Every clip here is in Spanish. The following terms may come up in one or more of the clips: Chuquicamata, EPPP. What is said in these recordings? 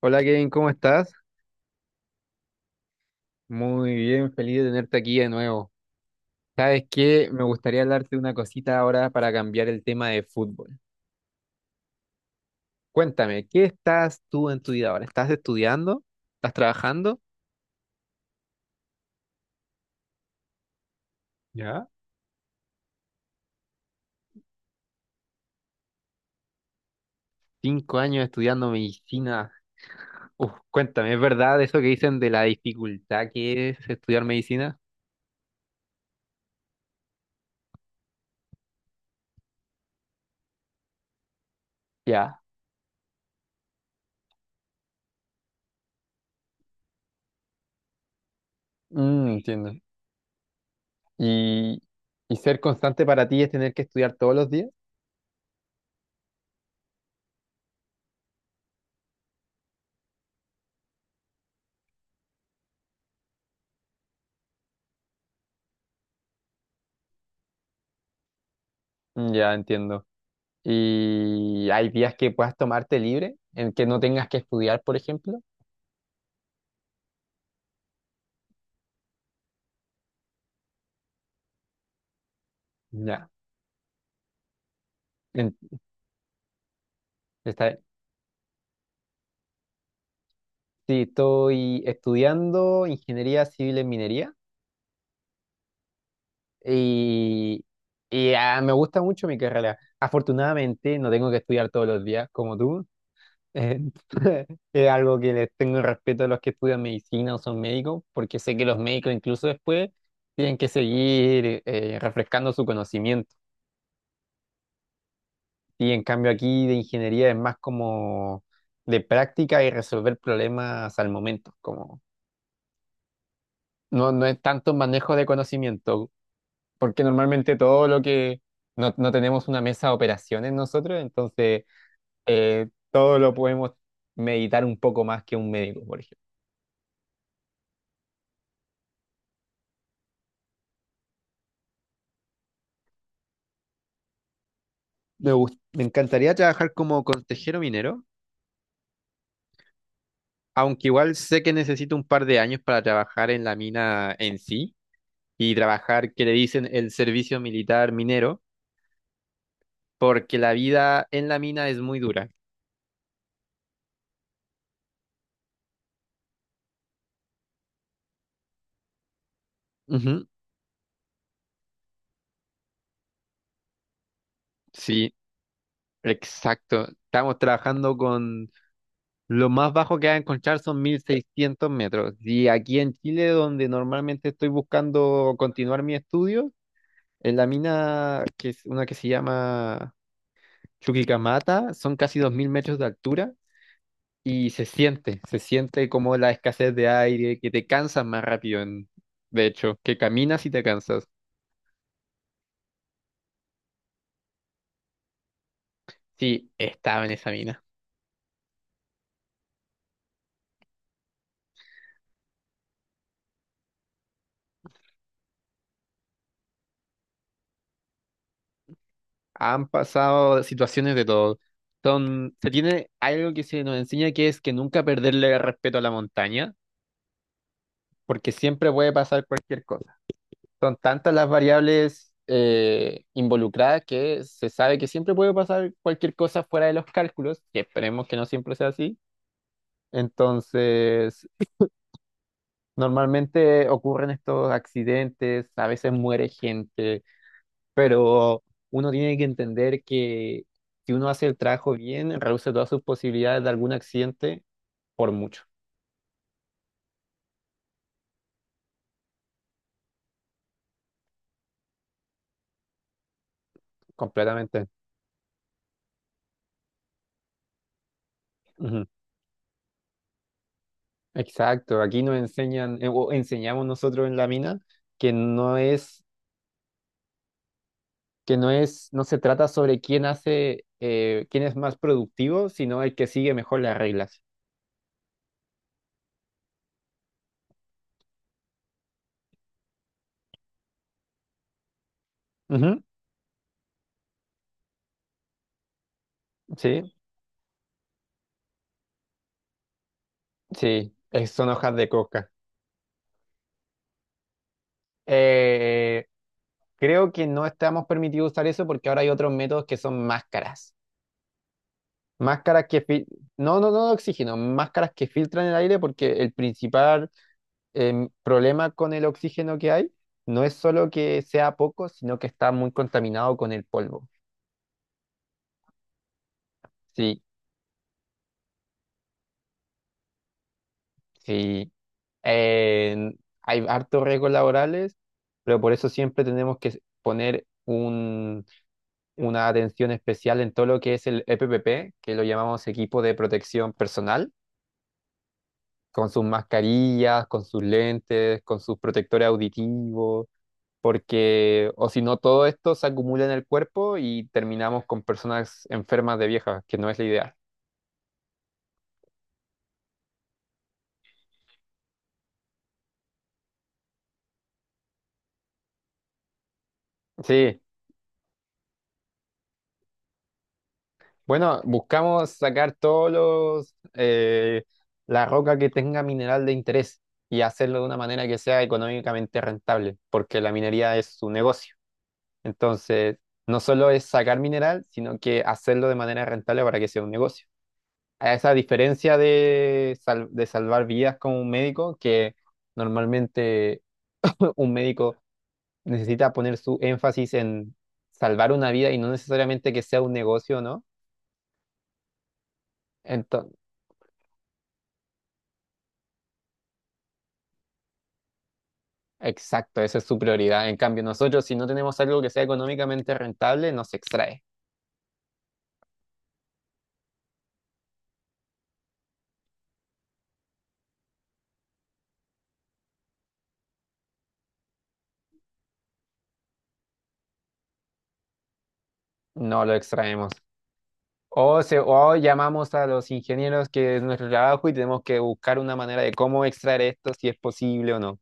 Hola Kevin, ¿cómo estás? Muy bien, feliz de tenerte aquí de nuevo. ¿Sabes qué? Me gustaría hablarte de una cosita ahora para cambiar el tema de fútbol. Cuéntame, ¿qué estás tú en tu vida ahora? ¿Estás estudiando? ¿Estás trabajando? ¿Ya? 5 años estudiando medicina. Uf, cuéntame, ¿es verdad eso que dicen de la dificultad que es estudiar medicina? Ya. Entiendo. ¿Y, y ser constante para ti es tener que estudiar todos los días? Mm, ya, entiendo. Y hay días que puedas tomarte libre, en que no tengas que estudiar, por ejemplo. Ya. En- está, sí, estoy estudiando ingeniería civil en minería, y, y me gusta mucho mi carrera. Afortunadamente no tengo que estudiar todos los días como tú. Eh, es algo que les tengo respeto a los que estudian medicina o son médicos, porque sé que los médicos incluso después tienen que seguir refrescando su conocimiento. Y en cambio aquí de ingeniería es más como de práctica y resolver problemas al momento, como no es tanto manejo de conocimiento, porque normalmente todo lo que no tenemos una mesa de operaciones nosotros, entonces todo lo podemos meditar un poco más que un médico, por ejemplo. Me encantaría trabajar como consejero minero, aunque igual sé que necesito un par de años para trabajar en la mina en sí y trabajar, que le dicen, el servicio militar minero porque la vida en la mina es muy dura. Ujú. Sí, exacto. Estamos trabajando con lo más bajo que va a encontrar son 1.600 metros. Y aquí en Chile, donde normalmente estoy buscando continuar mi estudio, en la mina, que es una que se llama Chuquicamata, son casi 2.000 metros de altura y se siente como la escasez de aire, que te cansas más rápido, de hecho, que caminas y te cansas. Sí, estaba en esa mina. Han pasado situaciones de todo. Se tiene algo que se nos enseña, que es que nunca perderle el respeto a la montaña, porque siempre puede pasar cualquier cosa. Son tantas las variables involucradas, que se sabe que siempre puede pasar cualquier cosa fuera de los cálculos, que esperemos que no siempre sea así. Entonces, normalmente ocurren estos accidentes, a veces muere gente, pero uno tiene que entender que si uno hace el trabajo bien, reduce todas sus posibilidades de algún accidente por mucho, completamente. Ujú. Exacto, aquí nos enseñan, o enseñamos nosotros en la mina, que no es, que no es, no se trata sobre quién hace, quién es más productivo, sino el que sigue mejor las reglas. Ujú. Sí, sí, son hojas de coca. Eh, Creo que no estamos permitidos usar eso porque ahora hay otros métodos, que son máscaras. Máscaras que no, no, no de oxígeno, máscaras que filtran el aire, porque el principal problema con el oxígeno que hay no es solo que sea poco, sino que está muy contaminado con el polvo. Sí, sí. eh, Hay hartos riesgos laborales, pero por eso siempre tenemos que poner una atención especial en todo lo que es el EPPP, que lo llamamos equipo de protección personal, con sus mascarillas, con sus lentes, con sus protectores auditivos, porque o si no todo esto se acumula en el cuerpo y terminamos con personas enfermas de viejas, que no es la idea. Sí, bueno, buscamos sacar todos los, la roca que tenga mineral de interés y hacerlo de una manera que sea económicamente rentable, porque la minería es su negocio. Entonces, no solo es sacar mineral, sino que hacerlo de manera rentable para que sea un negocio. A esa diferencia de salvar vidas como un médico, que normalmente un médico necesita poner su énfasis en salvar una vida y no necesariamente que sea un negocio, ¿no? Entonces, exacto, esa es su prioridad. En cambio, nosotros, si no tenemos algo que sea económicamente rentable, no se extrae. No lo extraemos. O llamamos a los ingenieros, que es nuestro trabajo, y tenemos que buscar una manera de cómo extraer esto, si es posible o no.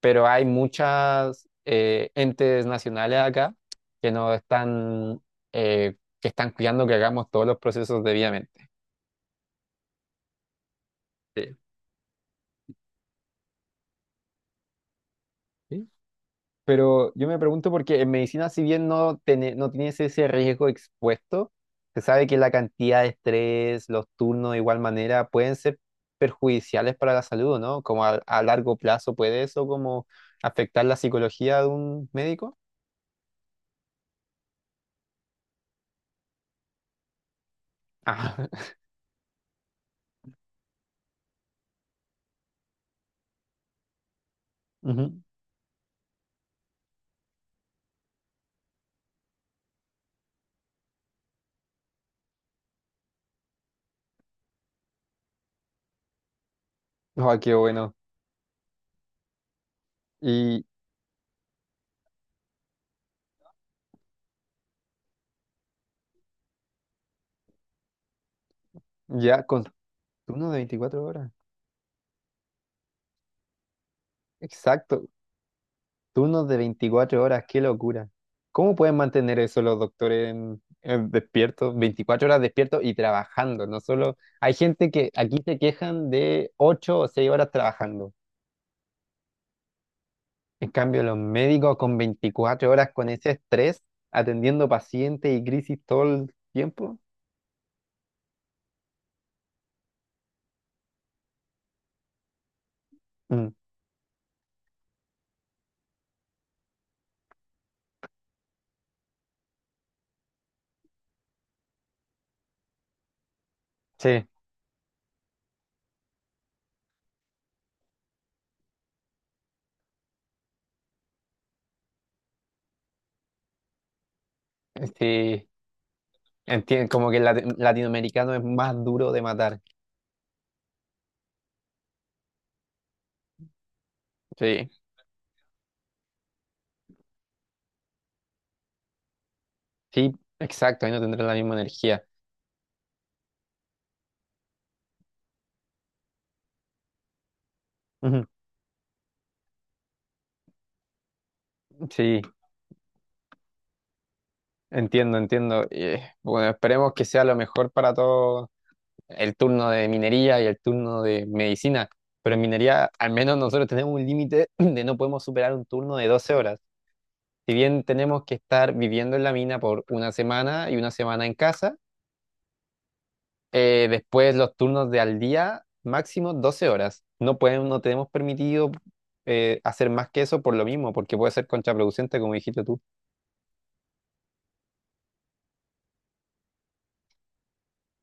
Pero hay muchas entes nacionales acá que nos están, que están cuidando que hagamos todos los procesos debidamente. Sí. Sí, pero yo me pregunto, porque en medicina, si bien no, no tienes ese riesgo expuesto, se sabe que la cantidad de estrés, los turnos, de igual manera pueden ser perjudiciales para la salud, ¿no? Como a largo plazo puede eso como afectar la psicología de un médico. Ah. Ujú. Ah, qué bueno. Y ya con turnos de 24 horas. Exacto. Turnos de 24 horas, qué locura. ¿Cómo pueden mantener eso los doctores en despiertos, 24 horas despiertos y trabajando? No solo hay gente que aquí se quejan de 8 o 6 horas trabajando. En cambio, los médicos con 24 horas con ese estrés, atendiendo pacientes y crisis todo el tiempo. Mm, sí, sí, entiendo, como que el latinoamericano es más duro de matar. Sí, sí, exacto, ahí no tendrán la misma energía. Ujú. Sí. Entiendo, entiendo. Y, bueno, esperemos que sea lo mejor para todos, el turno de minería y el turno de medicina. Pero en minería, al menos nosotros tenemos un límite de, no podemos superar un turno de 12 horas. Si bien tenemos que estar viviendo en la mina por una semana y una semana en casa, después los turnos de al día, máximo 12 horas. No pueden, no tenemos permitido hacer más que eso por lo mismo, porque puede ser contraproducente, como dijiste tú.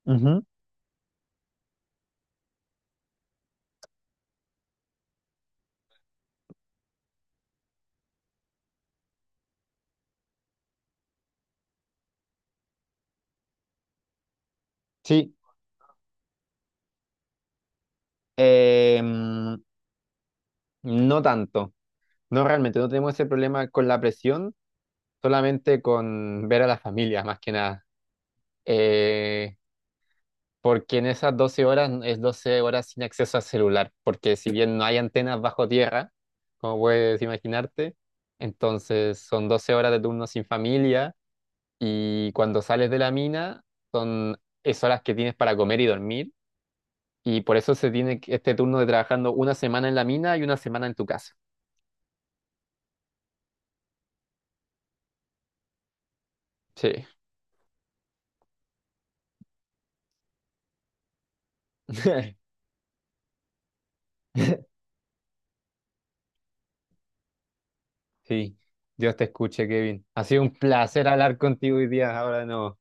Ujú. Sí. Em, no tanto. No, realmente no tenemos ese problema con la presión, solamente con ver a la familia, más que nada. Eh, Porque en esas 12 horas es 12 horas sin acceso a celular, porque si bien no hay antenas bajo tierra, como puedes imaginarte, entonces son 12 horas de turno sin familia, y cuando sales de la mina son es horas que tienes para comer y dormir, y por eso se tiene este turno de trabajando una semana en la mina y una semana en tu casa. Sí. Sí, Dios te escuche, Kevin. Ha sido un placer hablar contigo hoy día. Ahora no.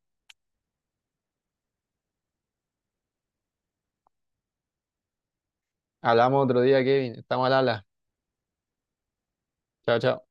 Hablamos otro día, Kevin. Estamos al habla. Chao, chao.